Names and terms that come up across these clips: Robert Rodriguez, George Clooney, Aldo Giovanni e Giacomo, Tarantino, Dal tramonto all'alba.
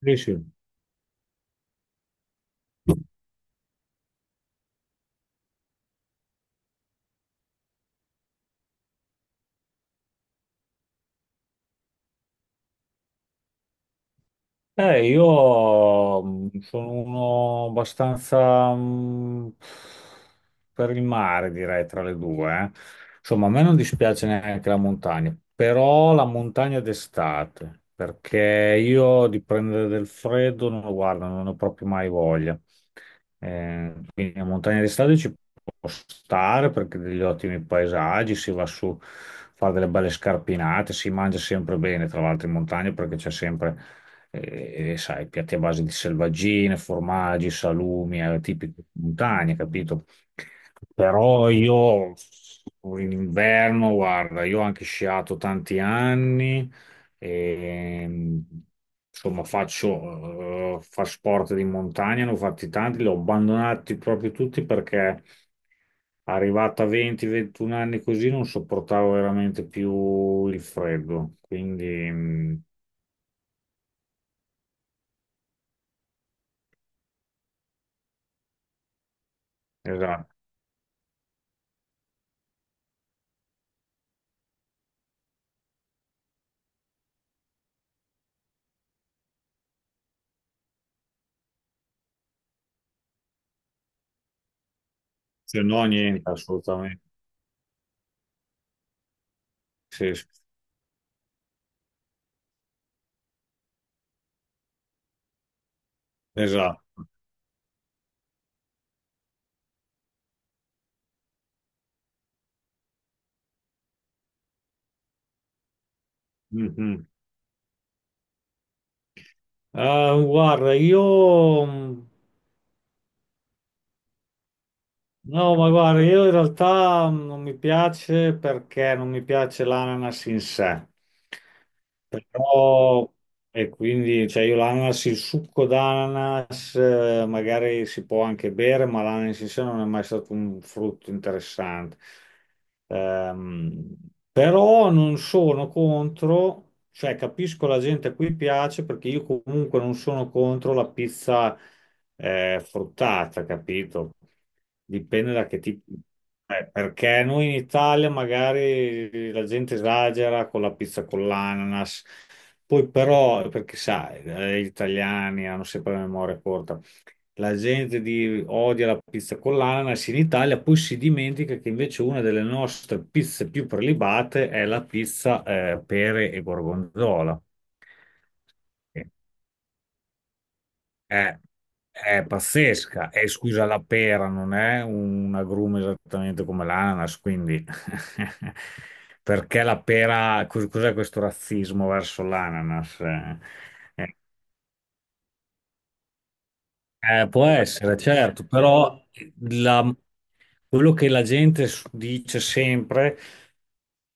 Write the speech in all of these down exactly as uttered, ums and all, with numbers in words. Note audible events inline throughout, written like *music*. Sì, sì. Eh, io mh, sono uno abbastanza mh, per il mare, direi, tra le due. eh. Insomma, a me non dispiace neanche la montagna, però la montagna d'estate, perché io di prendere del freddo non lo guardo, non ho proprio mai voglia. Eh, quindi la montagna d'estate ci può stare perché degli ottimi paesaggi, si va su, fa delle belle scarpinate, si mangia sempre bene, tra l'altro in montagna perché c'è sempre e, e sai, piatti a base di selvaggine, formaggi, salumi, eh, tipici di montagna, capito? Però io in inverno, guarda, io ho anche sciato tanti anni, e, insomma, faccio, eh, fa sport di montagna, ne ho fatti tanti, li ho abbandonati proprio tutti perché arrivata a venti ventuno anni così non sopportavo veramente più il freddo. Quindi, mm, esatto. Se no, niente, assolutamente. Sì, sì, esatto. Mhm. Ah, guarda, io... mh, No, ma guarda, io in realtà mh, non mi piace perché non mi piace l'ananas in sé. Però... E quindi, cioè, io l'ananas, il succo d'ananas, eh, magari si può anche bere, ma l'ananas in sé non è mai stato un frutto interessante. Ehm, Però non sono contro, cioè capisco la gente a cui piace perché io comunque non sono contro la pizza eh, fruttata, capito? Dipende da che tipo. Eh, perché noi in Italia magari la gente esagera con la pizza con l'ananas, poi però, perché sai, eh, gli italiani hanno sempre la memoria corta. La gente di- odia la pizza con l'ananas in Italia, poi si dimentica che invece una delle nostre pizze più prelibate è la pizza eh, pere e gorgonzola. Sì. È, è pazzesca. E scusa, la pera non è un agrume esattamente come l'ananas, quindi *laughs* perché la pera, cos- cos'è questo razzismo verso l'ananas? Eh, eh, Eh, può essere, certo, però la- quello che la gente s- dice sempre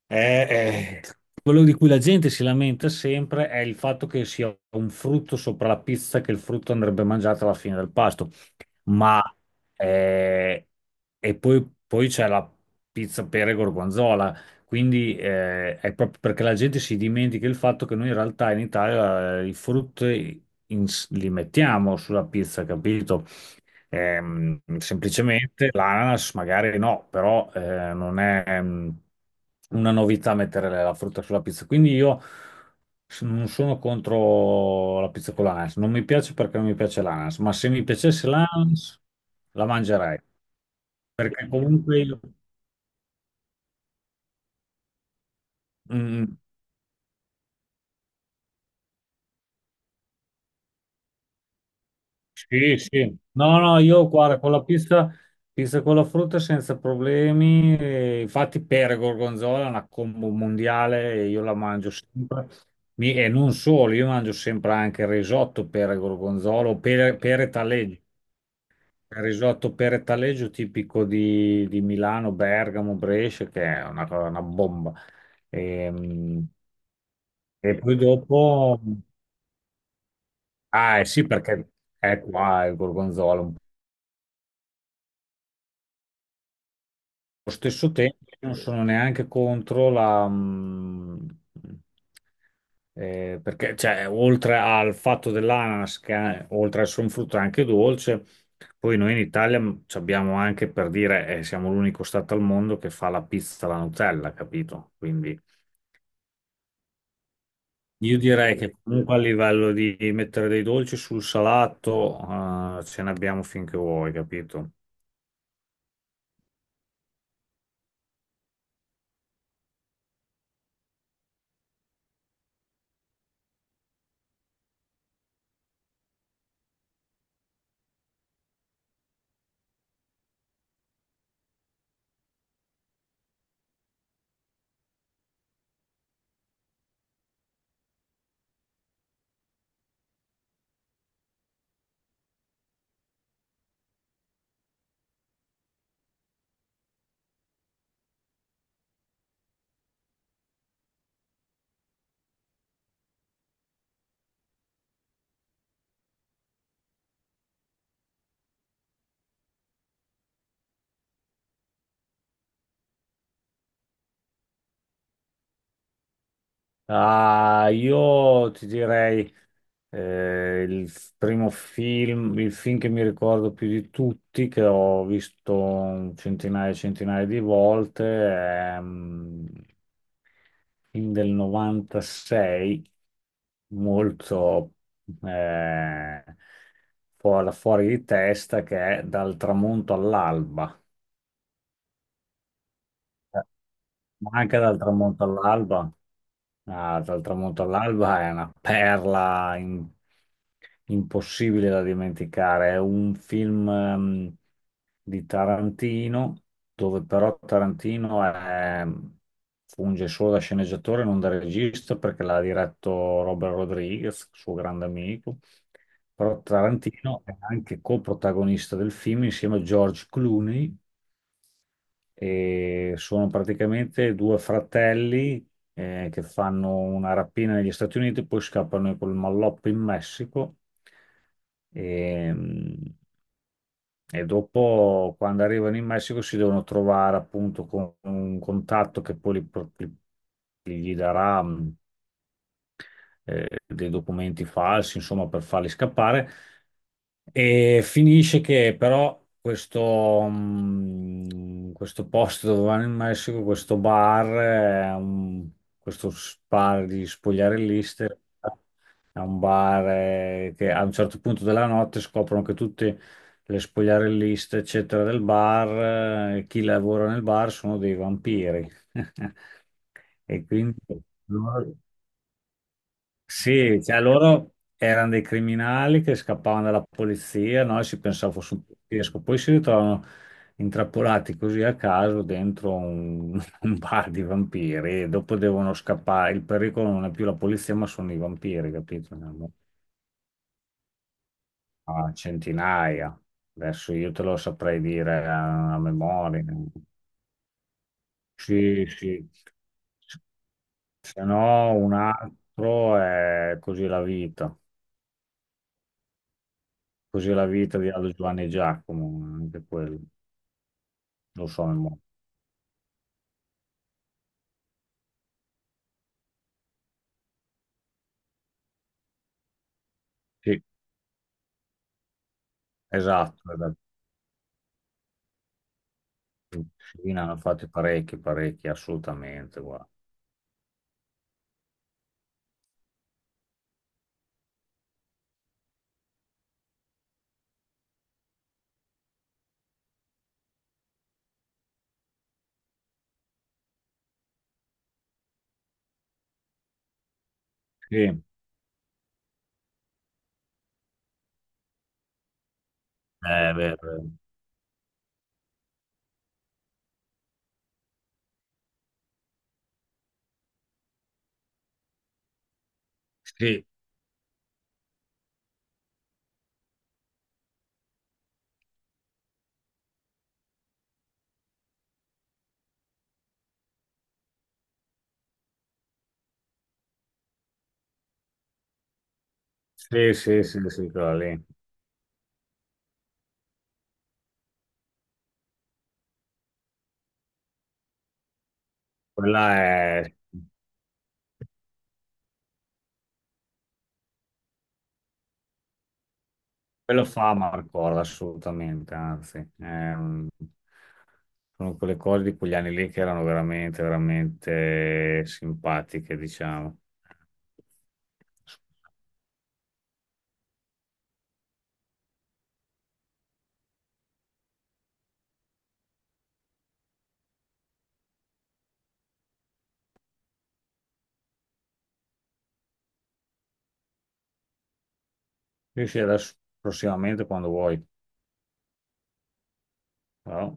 è, è- quello di cui la gente si lamenta sempre è il fatto che sia un frutto sopra la pizza, che il frutto andrebbe mangiato alla fine del pasto, ma eh, e poi, poi c'è la pizza pere gorgonzola, quindi eh, è proprio perché la gente si dimentica il fatto che noi in realtà in Italia eh, i frutti in- li mettiamo sulla pizza, capito? Ehm, semplicemente l'ananas magari no, però eh, non è ehm, una novità mettere la frutta sulla pizza. Quindi io s- non sono contro la pizza con l'ananas. Non mi piace perché non mi piace l'ananas, ma se mi piacesse l'ananas la mangerei. Perché comunque io, Mm, sì, sì. No, no, io guarda, con la pizza, pizza con la frutta senza problemi. E infatti per gorgonzola è una combo mondiale e io la mangio sempre. Mi- e non solo, io mangio sempre anche il risotto per gorgonzola o per, pere taleggio. Il risotto pere taleggio tipico di, di Milano, Bergamo, Brescia, che è una, cosa- una bomba. E, e poi dopo... Ah, eh sì, perché è qua il gorgonzola. Allo stesso tempo, io non sono neanche contro la... mh, eh, perché, cioè, oltre al fatto dell'ananas, che è- oltre ad essere un frutto è anche dolce, poi noi in Italia mh, ci abbiamo anche, per dire, eh, siamo l'unico stato al mondo che fa la pizza alla Nutella, capito? Quindi io direi che comunque a livello di mettere dei dolci sul salato, eh, ce ne abbiamo finché vuoi, capito? Ah, io ti direi... Eh, il f- primo film, il film che mi ricordo più di tutti, che ho visto centinaia e centinaia di volte, è mm, film del novantasei, molto eh, fu- fuori di testa, che è Dal tramonto all'alba. Eh, Ma anche dal tramonto all'alba. Ah, dal tramonto all'alba è una perla im- impossibile da dimenticare. È un film ehm, di Tarantino, dove però Tarantino è- funge solo da sceneggiatore, non da regista, perché l'ha diretto Robert Rodriguez, suo grande amico. Però Tarantino è anche coprotagonista del film insieme a George Clooney e sono praticamente due fratelli eh, che fanno una rapina negli Stati Uniti, poi scappano col malloppo in Messico e, e dopo, quando arrivano in Messico, si devono trovare appunto con un contatto che poi li- li- gli darà mh, eh, dei documenti falsi, insomma, per farli scappare. E finisce che però questo, mm, questo posto dove vanno in Messico, questo bar, è un- questo bar di spogliarelliste, è un bar eh, che a un certo punto della notte scoprono che tutte le spogliarelliste, eccetera, del bar, eh, chi lavora nel bar sono dei vampiri. *laughs* E quindi sì, cioè loro erano dei criminali che scappavano dalla polizia, no? E si pensava fosse un poliziesco, poi si ritrovano intrappolati così a caso dentro un, *laughs* un bar di vampiri e dopo devono scappare. Il pericolo non è più la polizia, ma sono i vampiri, capito? Ne hanno a centinaia. Adesso io te lo saprei dire a, a memoria. Sì, sì. Se no, un altro è così la vita. Così la vita di Aldo Giovanni e Giacomo, anche quello, lo so, il mo- sì, esatto, esatto. Sì, ne hanno fatti parecchi, parecchi, assolutamente, guarda. Sì, eh, beh, sì, sì, sì, sì, sì, quella lì. Quella è... Quello fa Marcola, assolutamente, anzi. Ehm, sono quelle cose di quegli anni lì che erano veramente, veramente simpatiche, diciamo. Sì, sì, adesso prossimamente quando vuoi. Ciao.